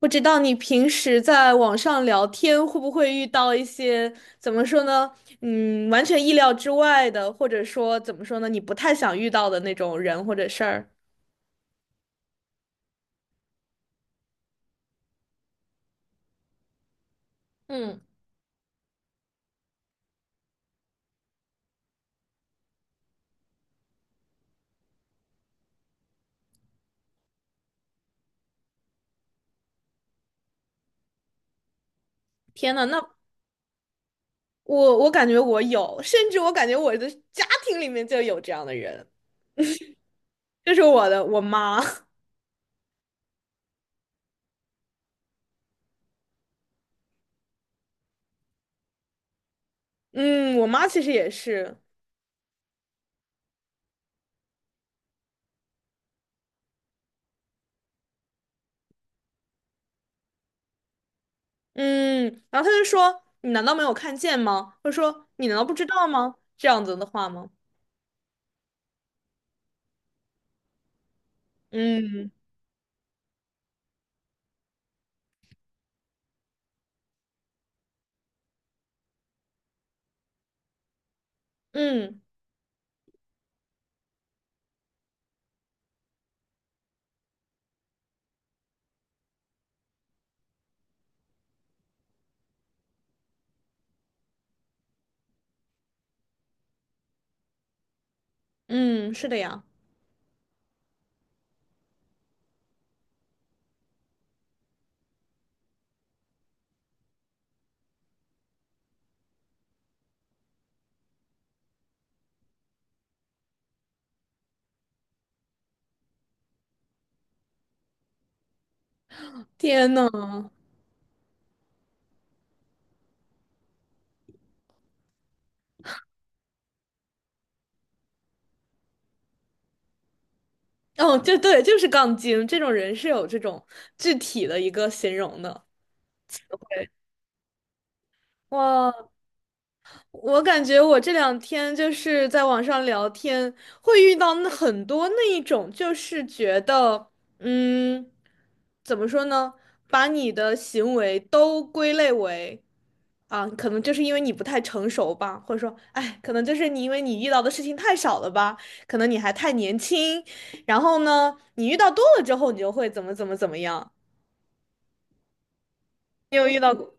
不知道你平时在网上聊天会不会遇到一些，怎么说呢？完全意料之外的，或者说怎么说呢？你不太想遇到的那种人或者事儿。嗯。天呐，那我感觉我有，甚至我感觉我的家庭里面就有这样的人，就是我妈。嗯，我妈其实也是。嗯，然后她就说：“你难道没有看见吗？”或者说：“你难道不知道吗？”这样子的话吗？嗯嗯嗯，是的呀。天呐。哦，就对，就是杠精这种人是有这种具体的一个形容的。对。哇。我感觉我这两天就是在网上聊天，会遇到那很多那一种，就是觉得，嗯，怎么说呢，把你的行为都归类为，啊，可能就是因为你不太成熟吧，或者说，哎，可能就是你因为你遇到的事情太少了吧，可能你还太年轻，然后呢，你遇到多了之后，你就会怎么怎么怎么样。你有遇到过？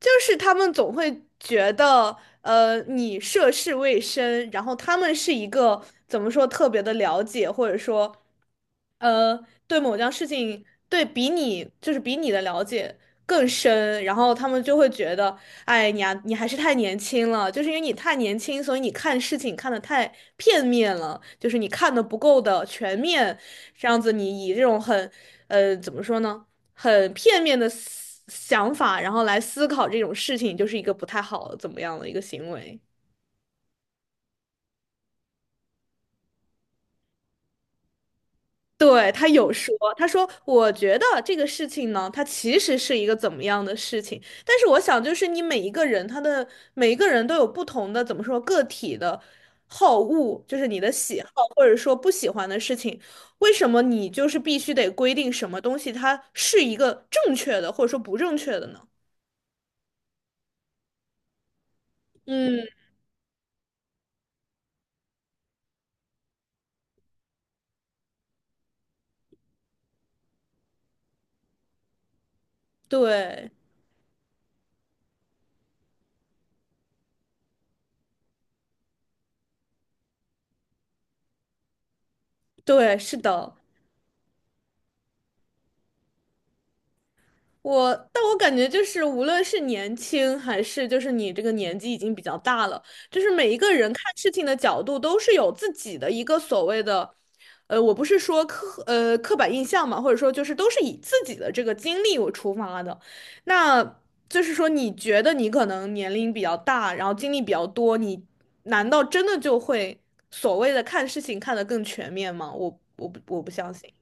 就是他们总会觉得，你涉世未深，然后他们是一个怎么说特别的了解，或者说，对某件事情，对比你就是比你的了解更深，然后他们就会觉得，哎，你啊，你还是太年轻了，就是因为你太年轻，所以你看事情看得太片面了，就是你看的不够的全面，这样子你以这种很，怎么说呢？很片面的思想法，然后来思考这种事情，就是一个不太好怎么样的一个行为。对，他有说，他说我觉得这个事情呢，它其实是一个怎么样的事情，但是我想就是你每一个人，他的每一个人都有不同的怎么说个体的好恶，就是你的喜好或者说不喜欢的事情，为什么你就是必须得规定什么东西它是一个正确的或者说不正确的呢？嗯，对对，是的。但我感觉就是，无论是年轻还是就是你这个年纪已经比较大了，就是每一个人看事情的角度都是有自己的一个所谓的，呃，我不是说刻板印象嘛，或者说就是都是以自己的这个经历为出发的，那就是说你觉得你可能年龄比较大，然后经历比较多，你难道真的就会所谓的看事情看得更全面吗？我不相信，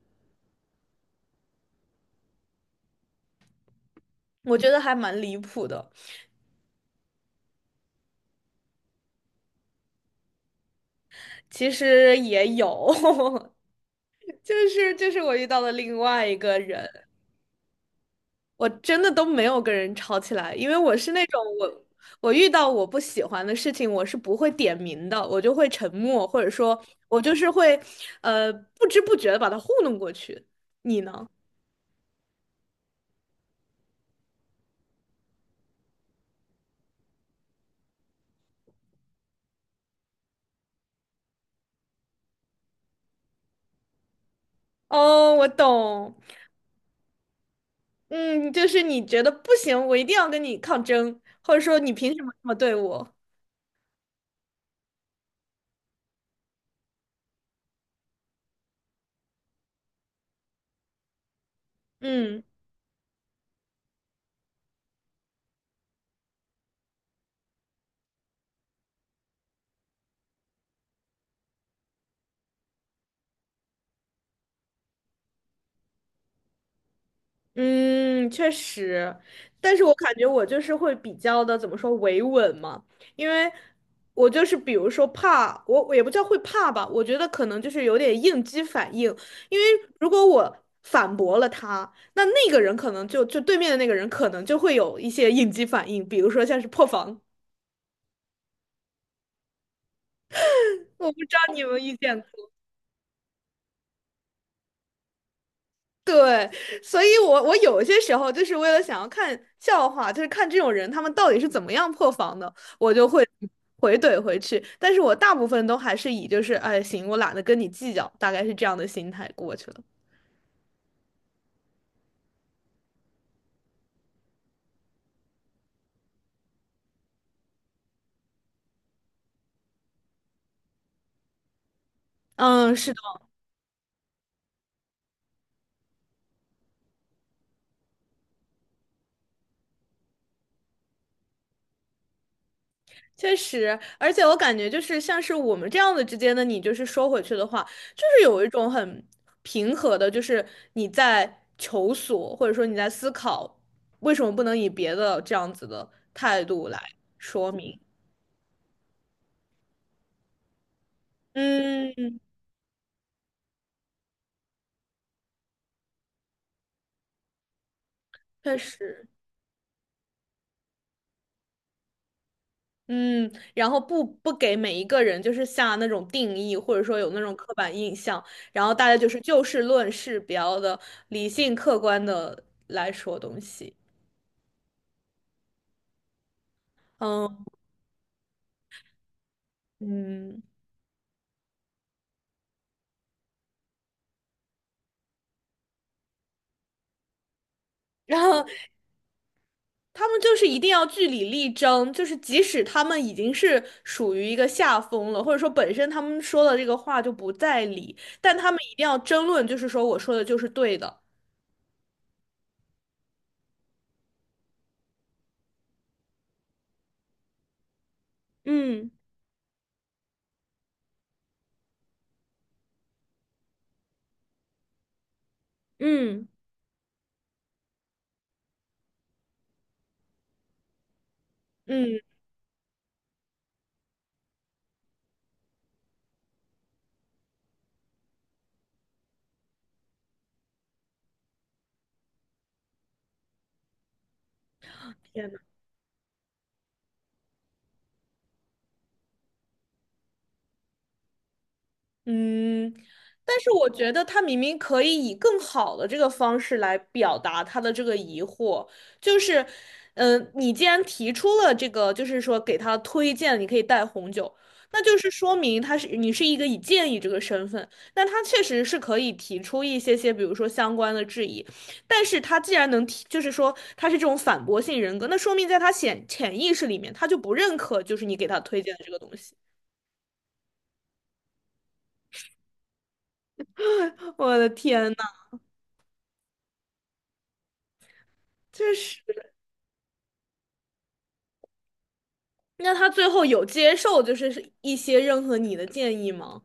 我觉得还蛮离谱的。其实也有，就是我遇到了另外一个人，我真的都没有跟人吵起来，因为我是那种我遇到我不喜欢的事情，我是不会点名的，我就会沉默，或者说我就是会不知不觉的把他糊弄过去。你呢？哦，我懂。嗯，就是你觉得不行，我一定要跟你抗争，或者说你凭什么这么对我？嗯。嗯，确实，但是我感觉我就是会比较的怎么说维稳嘛，因为我就是比如说怕，我也不叫会怕吧，我觉得可能就是有点应激反应，因为如果我反驳了他，那个人可能就对面的那个人可能就会有一些应激反应，比如说像是破防，我不知道你有没有遇见过。对，所以我有些时候就是为了想要看笑话，就是看这种人他们到底是怎么样破防的，我就会回怼回去。但是我大部分都还是以就是哎行，我懒得跟你计较，大概是这样的心态过去了。嗯，是的，确实，而且我感觉就是像是我们这样子之间的你，就是说回去的话，就是有一种很平和的，就是你在求索，或者说你在思考为什么不能以别的这样子的态度来说明。嗯，确实。嗯，然后不给每一个人就是下那种定义，或者说有那种刻板印象，然后大家就是就事论事，比较的理性客观的来说东西。嗯嗯。然后他们就是一定要据理力争，就是即使他们已经是属于一个下风了，或者说本身他们说的这个话就不在理，但他们一定要争论，就是说我说的就是对的。嗯嗯。嗯。天。嗯，但是我觉得他明明可以以更好的这个方式来表达他的这个疑惑，就是，你既然提出了这个，就是说给他推荐你可以带红酒，那就是说明他是你是一个以建议这个身份，那他确实是可以提出一些，比如说相关的质疑，但是他既然能提，就是说他是这种反驳性人格，那说明在他潜意识里面他就不认可，就是你给他推荐的这个东西。我的天呐，确是。那他最后有接受就是一些任何你的建议吗？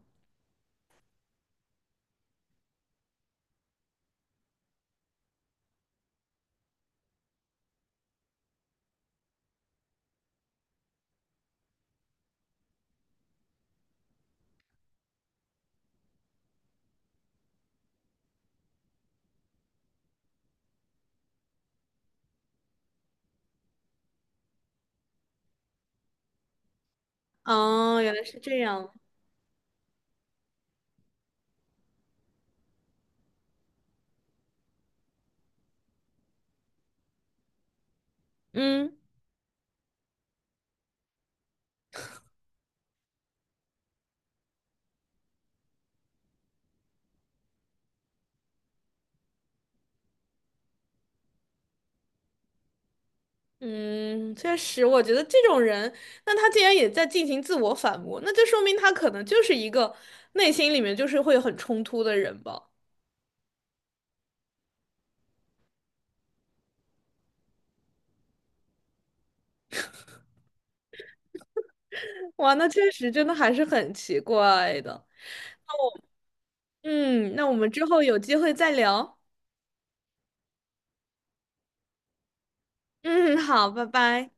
哦，原来是这样。嗯嗯，确实，我觉得这种人，那他既然也在进行自我反驳，那就说明他可能就是一个内心里面就是会很冲突的人吧。哇，那确实真的还是很奇怪的。嗯，那我们之后有机会再聊。嗯，好，拜拜。